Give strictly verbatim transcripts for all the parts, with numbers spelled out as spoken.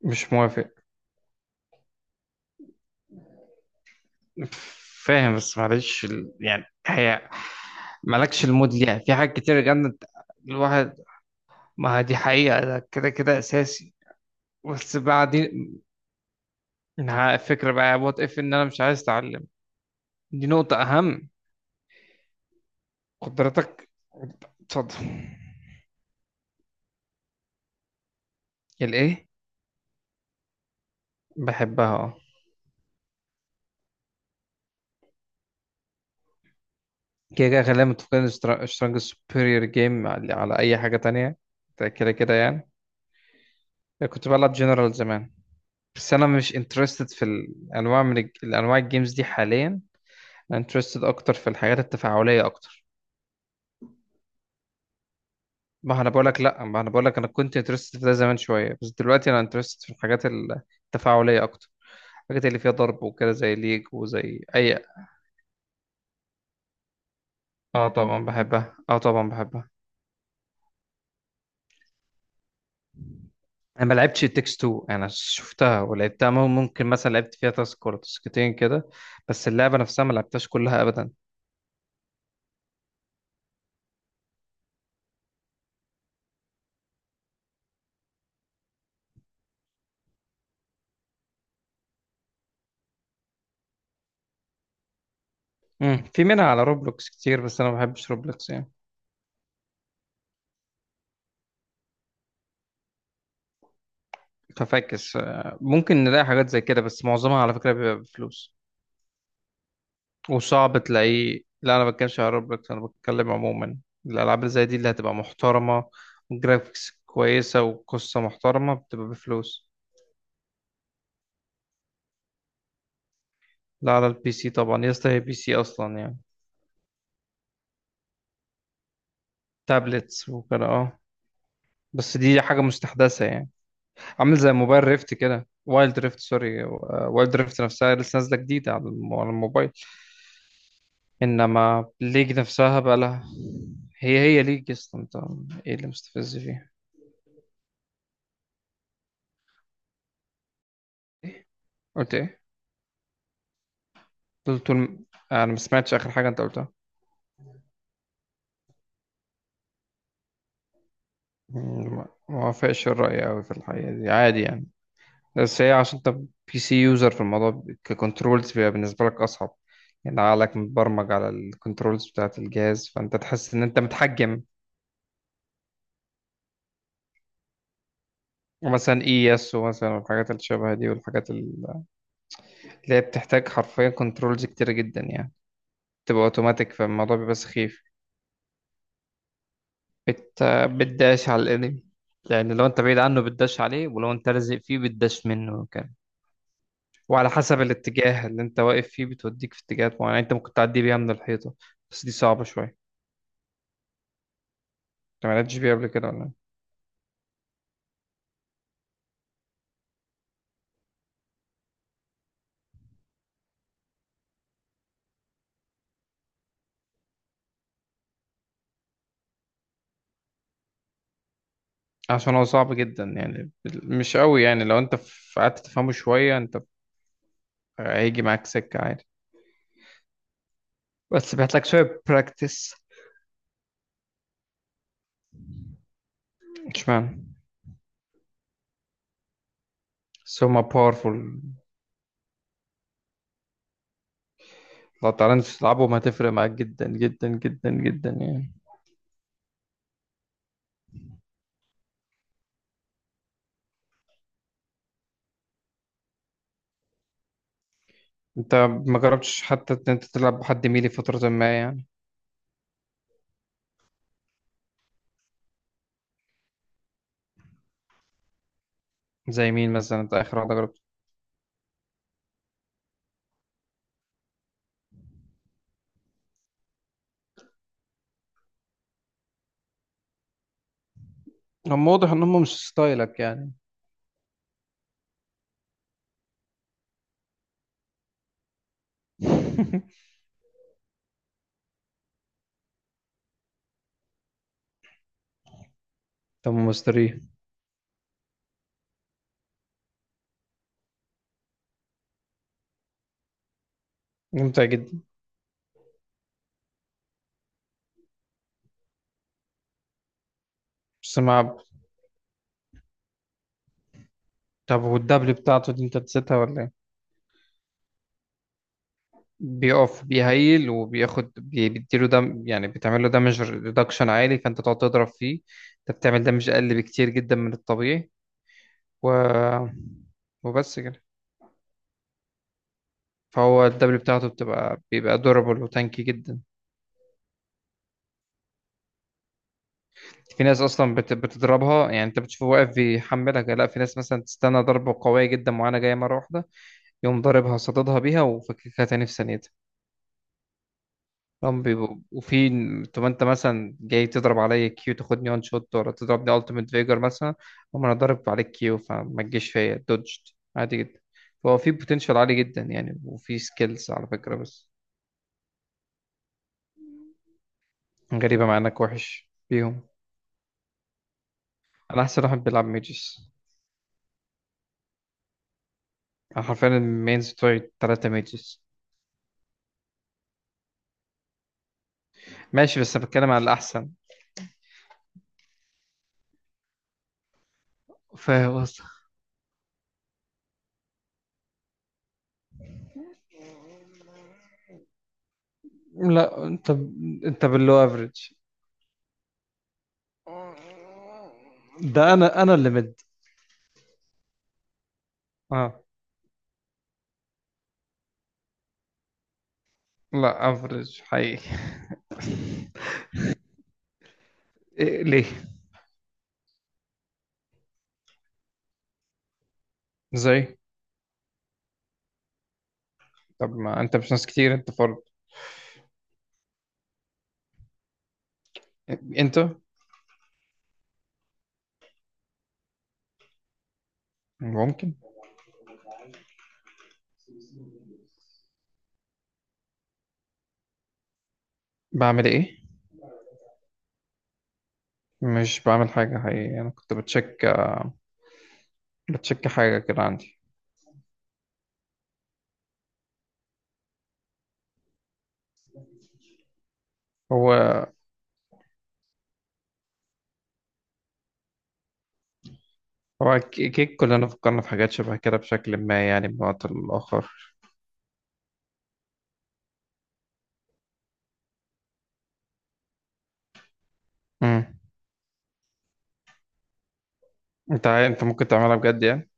مش موافق. فاهم بس معلش ال- يعني هي مالكش المود ليها في حاجات كتير جنة الواحد. ما هي دي حقيقة، ده كده كده أساسي. بس بعدين، ها، الفكرة بقى وات إف إن أنا مش عايز أتعلم. دي نقطة أهم. قدرتك اتفضل. الإيه؟ بحبها اه. كده كده خلينا متفقين، سترونج سوبيريور جيم على على أي حاجة تانية. ده كده كده يعني. كنت بلعب جنرال زمان، بس انا مش انترستد في الانواع من الج- الانواع الجيمز دي حاليا. انا انترستد اكتر في الحاجات التفاعليه اكتر. ما انا بقول لك لا ما انا بقول لك انا كنت انترستد في ده زمان شويه، بس دلوقتي انا انترستد في الحاجات التفاعليه اكتر، الحاجات اللي فيها ضرب وكده، زي ليج وزي اي. اه طبعا بحبها، اه طبعا بحبها. انا ما لعبتش تكس اتنين، انا شفتها ولعبتها، مم- ممكن مثلا لعبت فيها تاسك ولا تاسكتين كده، بس اللعبه نفسها ما لعبتهاش كلها ابدا. امم في منها على روبلوكس كتير، بس انا ما بحبش روبلوكس يعني. ففاكس، آه، ممكن نلاقي حاجات زي كده، بس معظمها على فكرة بيبقى بفلوس وصعب تلاقيه. لا أنا بتكلمش على روبلوكس، أنا بتكلم عموما الألعاب اللي زي دي اللي هتبقى محترمة وجرافيكس كويسة وقصة محترمة بتبقى بفلوس. لا على البي سي طبعا يا اسطى، هي بي سي أصلا يعني. تابلتس وكده اه. بس دي حاجة مستحدثة يعني، عامل زي موبايل ريفت كده، وايلد ريفت، سوري، وايلد ريفت نفسها لسه نازلة جديدة على الم- على الموبايل، انما ليج نفسها بقى لها. هي هي ليج اصلا انت. ايه اللي مستفز فيها؟ إيه؟ قلت ايه؟ طول طول م- انا ما سمعتش اخر حاجه انت قلتها. مم، ما ما وافقش الراي قوي في الحقيقه، دي عادي يعني. بس هي عشان انت بي سي يوزر في الموضوع، ب- ككنترولز بيبقى بالنسبه لك اصعب، يعني عقلك متبرمج على الكنترولز بتاعه الجهاز فانت تحس ان انت متحكم. ومثلا اي اس ومثلا والحاجات اللي شبه دي، والحاجات ال- اللي هي بتحتاج حرفيا كنترولز كتيره جدا يعني تبقى اوتوماتيك، فالموضوع بيبقى سخيف. بت... بتداش على الانمي، لان لو انت بعيد عنه بتداش عليه، ولو انت لازق فيه بتداش منه كمان. وعلى حسب الاتجاه اللي انت واقف فيه بتوديك في اتجاهات معينه، يعني انت ممكن تعدي بيها من الحيطه. بس دي صعبه شويه. انت ما لعبتش بيها قبل كده ولا إيه؟ عشان هو صعب جدا يعني، بال- مش قوي يعني، لو انت ف- قعدت تفهمه شويه انت هيجي معاك سكه عادي، بس بيحتاج شويه براكتس. اشمعنى؟ بس هما باورفول، لو تعرفش تلعبهم هتفرق معاك جدا جدا جدا جدا يعني. انت ما جربتش حتى ان انت تلعب بحد ميلي فترة ما يعني؟ زي مين مثلا انت اخر واحدة جربت؟ هم واضح ان هم مش ستايلك يعني. طب مستريح؟ ممتع جدا. بس مع، طب والدبل بتاعته دي انت نسيتها ولا ايه؟ بيقف بيهيل وبياخد بي- بيديله دم، يعني بتعمل له دامج ريدكشن عالي، فانت تقعد تضرب فيه انت بتعمل دامج اقل بكتير جدا من الطبيعي، و وبس كده. فهو الدبل بتاعته بتبقى بيبقى دورابل وتانكي جدا. في ناس اصلا بت- بتضربها، يعني انت بتشوفه واقف بيحملها كده. لا، في ناس مثلا تستنى ضربة قوية جدا معينة جاية مرة واحدة يقوم ضاربها صاددها بيها وفككها تاني في ثانيتها. هم بيبقوا وفي، طب انت مثلا جاي تضرب عليا كيو تاخدني وان شوت، ولا تضربني التيمت فيجر مثلا؟ هم انا ضارب عليك كيو فما تجيش فيا، دوجت عادي جدا. فهو في بوتنشال عالي جدا يعني، وفي سكيلز على فكرة بس. غريبة مع انك وحش بيهم. انا احسن واحد بيلعب ميجز. أنا حرفيا المينز بتوعي تلاتة ميجز. ماشي بس أنا بتكلم على الأحسن. فاهم قصدك. لا أنت، أنت باللو أفريج. ده انا انا اللي مد. أه. لا أفريج حقيقي. إيه ليه؟ إزاي؟ طب ما أنت مش ناس كتير، أنت فرد. أنت ممكن. بعمل إيه؟ مش بعمل حاجة حقيقي، أنا كنت بتشيك، آه، بتشيك حاجة كده عندي. هو هو ك- كيك كلنا فكرنا في حاجات شبه كده بشكل ما، يعني بوقت الآخر. مم. أنت عا- أنت ممكن تعملها بجد يعني.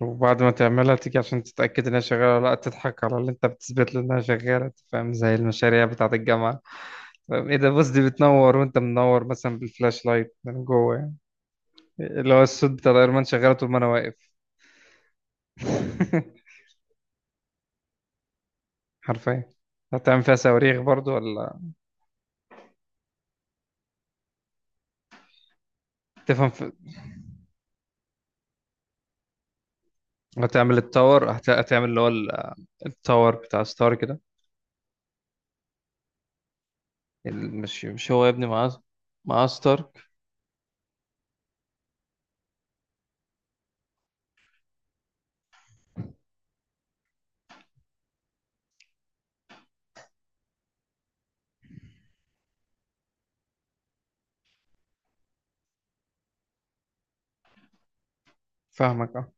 وبعد ما تعملها تيجي عشان تتأكد إنها شغالة ولا لأ، تضحك على اللي أنت بتثبت له إنها شغالة. فاهم؟ زي المشاريع بتاعة الجامعة. فاهم إيه ده؟ بص، دي بتنور وأنت منور مثلا بالفلاش لايت من جوه يعني، اللي هو الصوت بتاع الأيرمان شغال طول ما أنا واقف. حرفيا. هتعمل فيها صواريخ برضو ولا؟ تفهم في... هتعمل التاور، هت... هتعمل اللي هو ال- التاور بتاع ستارك ده. ال- مش مش هو يا ابني، مع مع ستارك. فاهمك اه.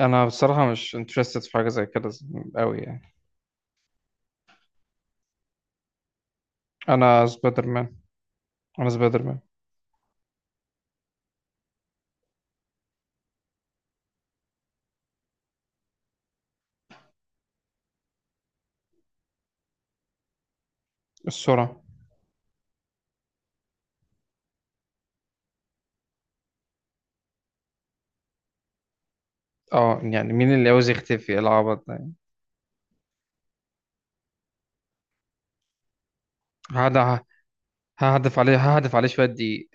انا بصراحة مش interested في حاجة زي كده قوي يعني. انا سبايدر مان. انا سبايدر مان. السرعة. اه يعني مين اللي عاوز يختفي؟ إيه العبط ده؟ هقعد ه- ههدف عليه، ههدف عليه شوية دقيق.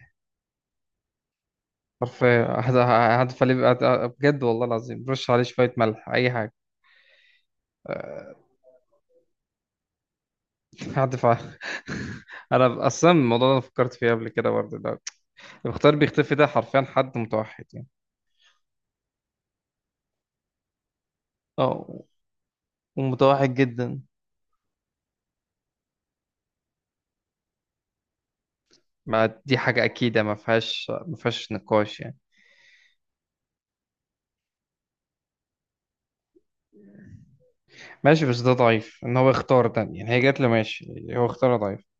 حرفيا ههد- ههدف عليه بقى- بجد والله العظيم، رش عليه شوية ملح أي حاجة. آه، ههدف عليه. أنا أصلا الموضوع ده أنا فكرت فيه قبل كده برضه. ده المختار بيختفي ده حرفيا حد متوحد يعني. اه. ومتوحد جدا. ما دي حاجة أكيدة، ما فيهاش ما فيهاش نقاش يعني. ماشي بس ده ضعيف إن هو يختار ده، يعني هي جات له ماشي، هو اختار ضعيف.